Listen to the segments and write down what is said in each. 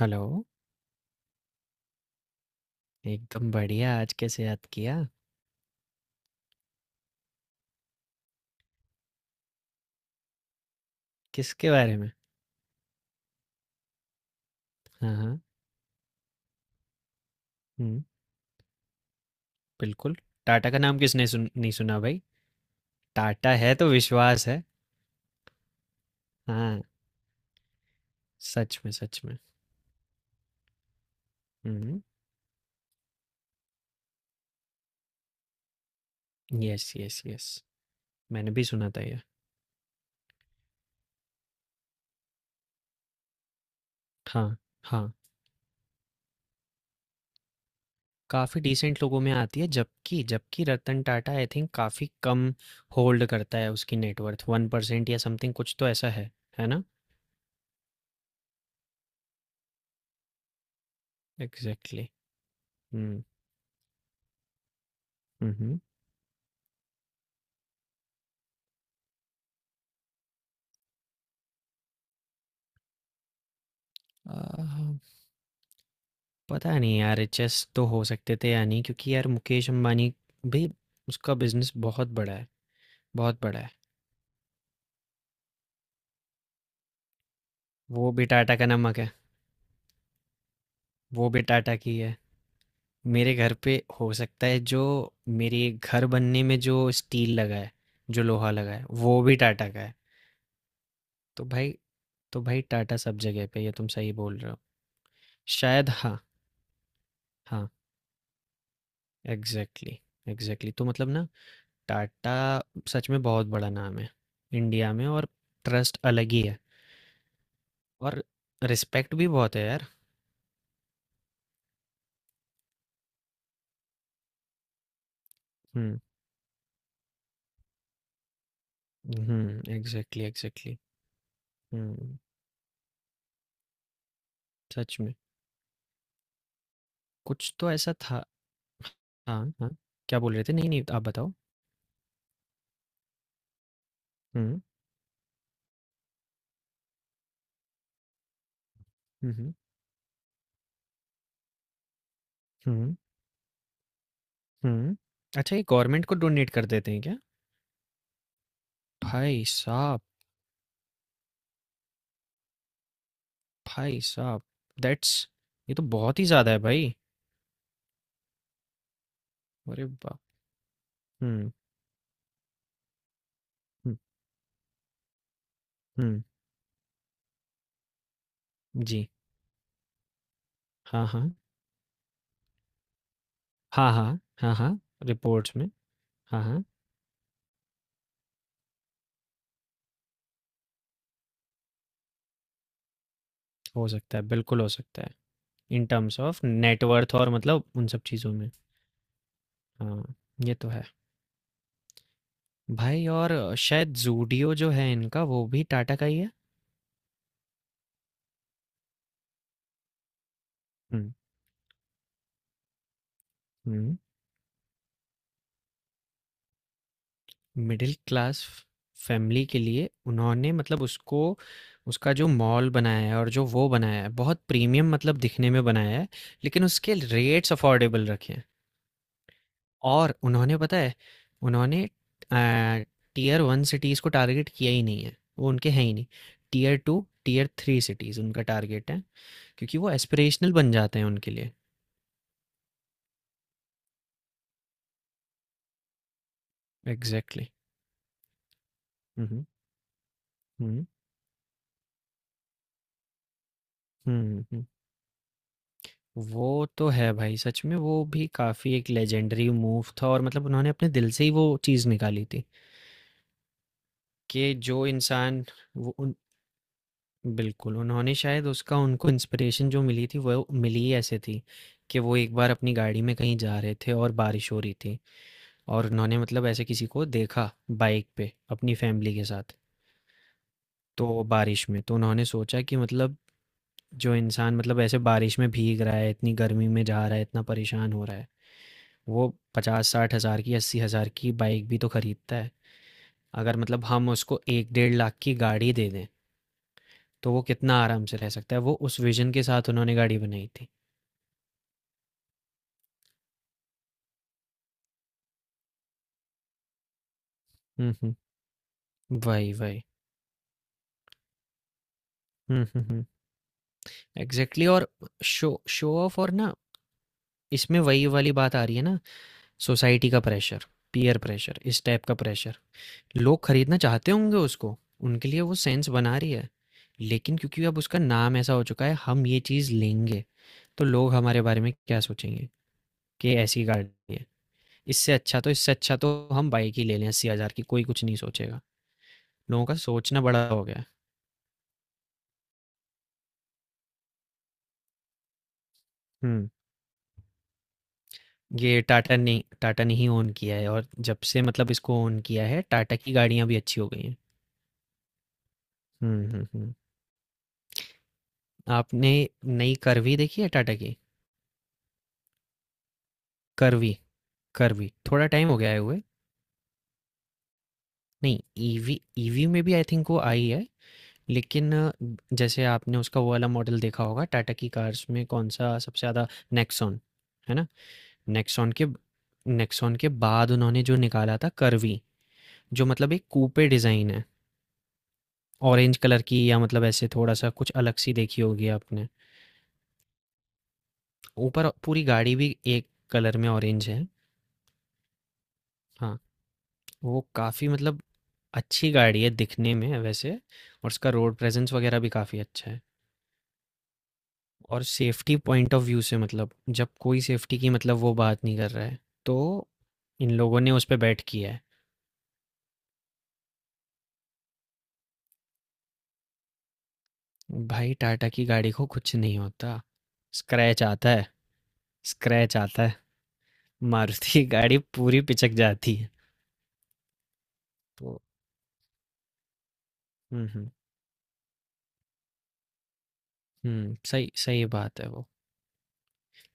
Hello, एकदम बढ़िया आज कैसे याद किया? किसके बारे में? हाँ, हाँ। हुँ, बिल्कुल। टाटा का नाम किसने सुन नहीं सुना भाई? टाटा है तो विश्वास है। हाँ, सच में, सच में। हुँ, यस, यस, यस। मैंने भी सुना था ये। हाँ, हाँ। काफ़ी डिसेंट लोगों में आती है, जबकि जबकि रतन टाटा आई थिंक काफ़ी कम होल्ड करता है, उसकी नेटवर्थ 1% या समथिंग कुछ तो ऐसा है ना? एग्ज़ैक्टली। हुँ, हुँ, हुँ। अ, पता नहीं यार, एचएस तो हो सकते थे या नहीं, क्योंकि यार मुकेश अंबानी भी, उसका बिजनेस बहुत बड़ा है, बहुत बड़ा है। वो भी टाटा का नमक है। वो भी टाटा की है। मेरे घर पे हो सकता है जो, मेरे घर बनने में जो स्टील लगा है, जो लोहा लगा है वो भी टाटा का है। तो भाई तो भाई टाटा सब जगह पे, ये तुम सही बोल रहे हो। शायद हाँ। हाँ, एग्जैक्टली। एग्जैक्टली, तो मतलब ना, टाटा सच में बहुत बड़ा नाम है इंडिया में, और ट्रस्ट अलग ही है, और रिस्पेक्ट भी बहुत है यार। हुँ। हुँ, एग्ज़ैक्टली, एग्ज़ैक्टली। हुँ, सच में। कुछ तो ऐसा था। हाँ, हाँ। क्या बोल रहे थे? नहीं, नहीं, आप बताओ। हुँ। हुँ, हुँ। हुँ, हुँ। अच्छा, ये गवर्नमेंट को डोनेट कर देते हैं क्या? भाई साहब, भाई साहब, दैट्स, ये तो बहुत ही ज़्यादा है भाई। अरे बाप! हुँ, हुँ, हुँ। जी। हाँ, हाँ। हाँ, हाँ। हाँ, हाँ। रिपोर्ट्स में। हाँ, हाँ। हो सकता है, बिल्कुल हो सकता है। In terms of net worth और मतलब उन सब चीज़ों में। हाँ, ये तो है। भाई, और शायद ज़ूडियो जो है इनका वो भी टाटा का ही है। हुँ, हुँ। मिडिल क्लास फैमिली के लिए उन्होंने मतलब उसको, उसका जो मॉल बनाया है और जो वो बनाया है बहुत प्रीमियम मतलब दिखने में बनाया है, लेकिन उसके रेट्स अफोर्डेबल रखे हैं। और उन्होंने पता है, उन्होंने अ, टियर 1 सिटीज़ को टारगेट किया ही नहीं है। वो उनके हैं ही नहीं। टियर 2, टियर 3 सिटीज़ उनका टारगेट है, क्योंकि वो एस्पिरेशनल बन जाते हैं उनके लिए। एग्ज़ैक्टली। हुँ, हुँ। हुँ, हुँ, हुँ। वो तो है भाई, सच में वो भी काफ़ी एक लेजेंडरी मूव था, और मतलब उन्होंने अपने दिल से ही वो चीज़ निकाली थी कि जो इंसान, वो उन, बिल्कुल, उन्होंने शायद उसका उनको इंस्पिरेशन जो मिली थी वो मिली ही ऐसे थी कि वो एक बार अपनी गाड़ी में कहीं जा रहे थे और बारिश हो रही थी, और उन्होंने मतलब ऐसे किसी को देखा बाइक पे अपनी फैमिली के साथ, तो बारिश में। तो उन्होंने सोचा कि मतलब जो इंसान मतलब ऐसे बारिश में भीग रहा है, इतनी गर्मी में जा रहा है, इतना परेशान हो रहा है, वो 50-60 हज़ार की 80 हज़ार की बाइक भी तो खरीदता है। अगर मतलब हम उसको एक डेढ़ लाख की गाड़ी दे दें, तो वो कितना आराम से रह सकता है। वो उस विजन के साथ उन्होंने गाड़ी बनाई थी। हम्म, हम्म। वही, वही। हम्म, हम्म, हम्म। एग्जैक्टली, और शो शो ऑफ, और ना इसमें वही वाली बात आ रही है ना, सोसाइटी का प्रेशर, पीयर प्रेशर, इस टाइप का प्रेशर। लोग खरीदना चाहते होंगे उसको, उनके लिए वो सेंस बना रही है, लेकिन क्योंकि अब उसका नाम ऐसा हो चुका है हम ये चीज़ लेंगे तो लोग हमारे बारे में क्या सोचेंगे कि ऐसी गाड़ी है। इससे अच्छा तो हम बाइक ही ले लें अस्सी हज़ार की, कोई कुछ नहीं सोचेगा। लोगों का सोचना बड़ा हो गया है। हम्म। ये टाटा ने, टाटा ने ही ओन किया है, और जब से मतलब इसको ओन किया है टाटा की गाड़ियां भी अच्छी हो गई हैं। हम्म, हम्म, हम्म। आपने नई करवी देखी है टाटा की, करवी करवी थोड़ा टाइम हो गया है हुए। नहीं, ईवी, ईवी में भी आई थिंक वो आई है, लेकिन जैसे आपने उसका वो वाला मॉडल देखा होगा, टाटा की कार्स में कौन सा सबसे ज़्यादा, नेक्सॉन, है ना? नेक्सॉन के नेक्सॉन के बाद उन्होंने जो निकाला था करवी, जो मतलब एक कूपे डिज़ाइन है, ऑरेंज कलर की या मतलब ऐसे थोड़ा सा कुछ अलग सी देखी होगी आपने, ऊपर पूरी गाड़ी भी एक कलर में ऑरेंज है। हाँ, वो काफ़ी मतलब अच्छी गाड़ी है दिखने में वैसे, और उसका रोड प्रेजेंस वगैरह भी काफ़ी अच्छा है। और सेफ्टी पॉइंट ऑफ व्यू से मतलब, जब कोई सेफ्टी की मतलब वो बात नहीं कर रहा है तो इन लोगों ने उस पर बैट किया है। भाई, टाटा की गाड़ी को कुछ नहीं होता, स्क्रैच आता है। स्क्रैच आता है, मारुति की गाड़ी पूरी पिचक जाती है। तो हुँ, हुँ, हुँ, सही सही बात है वो।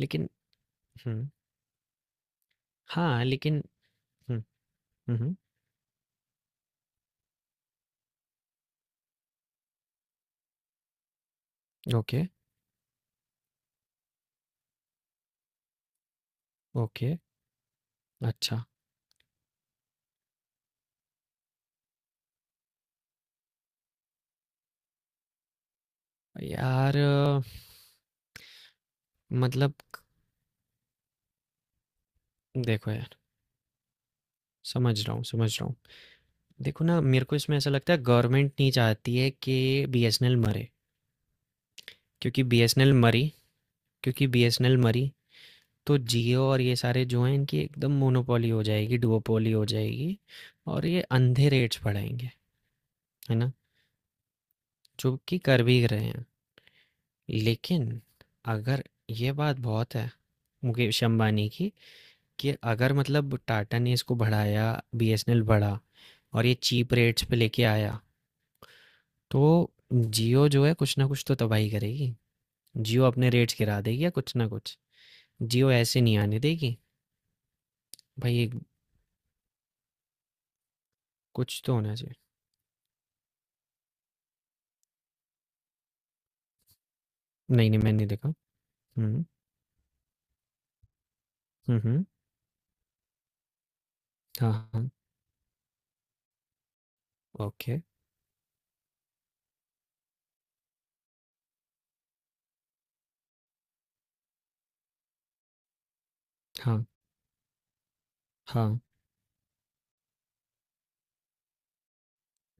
लेकिन हुँ, हाँ, लेकिन हुँ, हुँ, हुँ, ओके, ओके, अच्छा। यार मतलब देखो यार, समझ रहा हूँ, समझ रहा हूँ। देखो ना, मेरे को इसमें ऐसा लगता है गवर्नमेंट नहीं चाहती है कि बीएसएनएल मरे, क्योंकि बीएसएनएल मरी तो जियो और ये सारे जो हैं इनकी एकदम मोनोपोली हो जाएगी, डुओपोली हो जाएगी, और ये अंधे रेट्स बढ़ाएंगे। है ना? जो कि कर भी रहे हैं। लेकिन अगर, ये बात बहुत है मुकेश अंबानी की कि अगर मतलब टाटा ने इसको बढ़ाया, बीएसएनएल बढ़ा और ये चीप रेट्स पे लेके आया, तो जियो जो है कुछ ना कुछ तो तबाही करेगी, जियो अपने रेट्स गिरा देगी या कुछ ना कुछ, जियो ऐसे नहीं आने देगी। भाई एक, कुछ तो होना चाहिए। नहीं, नहीं, मैंने नहीं देखा। हम्म। हुँ, हुँ। हाँ, हाँ। ओके। हाँ, हाँ।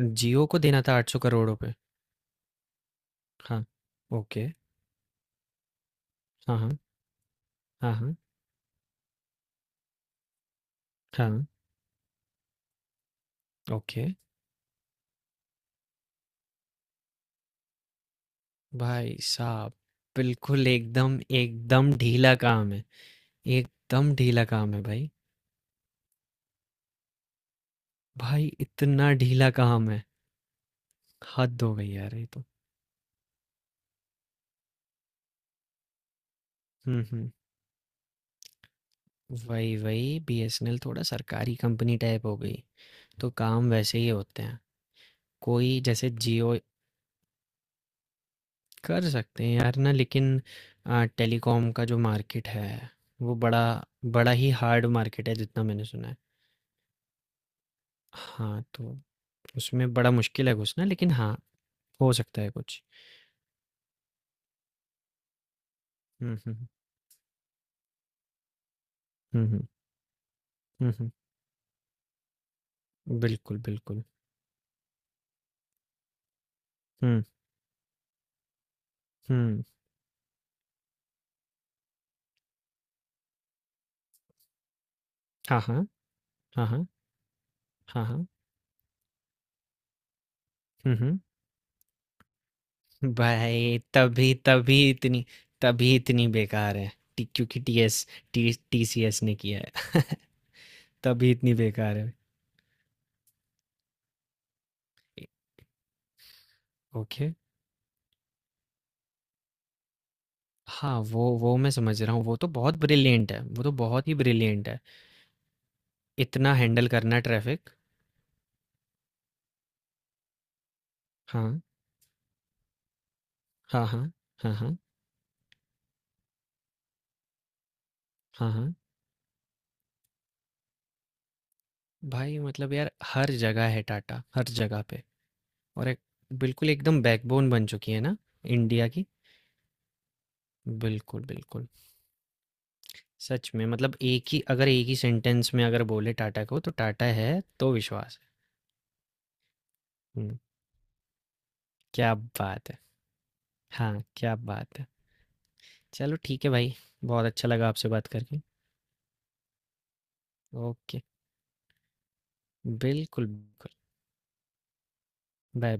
जियो को देना था 800 करोड़ रुपए। हाँ, ओके। हाँ, हाँ। हाँ, हाँ। हाँ, ओके। भाई साहब! बिल्कुल एकदम, एकदम ढीला काम है। एकदम ढीला काम है भाई। भाई इतना ढीला काम है। हद हो गई यार, ये तो। हुँ, हुँ। वही, वही, बीएसएनएल थोड़ा सरकारी कंपनी टाइप हो गई। तो काम वैसे ही होते हैं। कोई जैसे जियो, कर सकते हैं यार ना, लेकिन टेलीकॉम का जो मार्केट है, वो बड़ा बड़ा ही हार्ड मार्केट है जितना मैंने सुना है। हाँ, तो उसमें बड़ा मुश्किल है घुसना, लेकिन हाँ, हो सकता है कुछ। हम्म, हम्म। हम्म, हम्म, बिल्कुल बिल्कुल। हम्म, हम्म। हाँ, हाँ। हाँ, हाँ। हाँ, हाँ। हम्म, भाई तभी, तभी इतनी बेकार है। क्योंकि टी टी सी एस ने किया है तभी इतनी बेकार है। ओके। हाँ, वो मैं समझ रहा हूँ, वो तो बहुत ब्रिलिएंट है, वो तो बहुत ही ब्रिलिएंट है, इतना हैंडल करना ट्रैफ़िक। हाँ, हाँ, हाँ, हाँ, हाँ, हाँ, हाँ। भाई मतलब यार, हर जगह है टाटा, हर जगह पे। और एक, बिल्कुल एकदम बैकबोन बन चुकी है ना इंडिया की। बिल्कुल, बिल्कुल। सच में मतलब, एक ही सेंटेंस में अगर बोले टाटा को, तो टाटा है तो विश्वास है। हुँ, क्या बात है! हाँ, क्या बात है! चलो ठीक है भाई, बहुत अच्छा लगा आपसे बात करके। ओके, बिल्कुल, बिल्कुल। बाय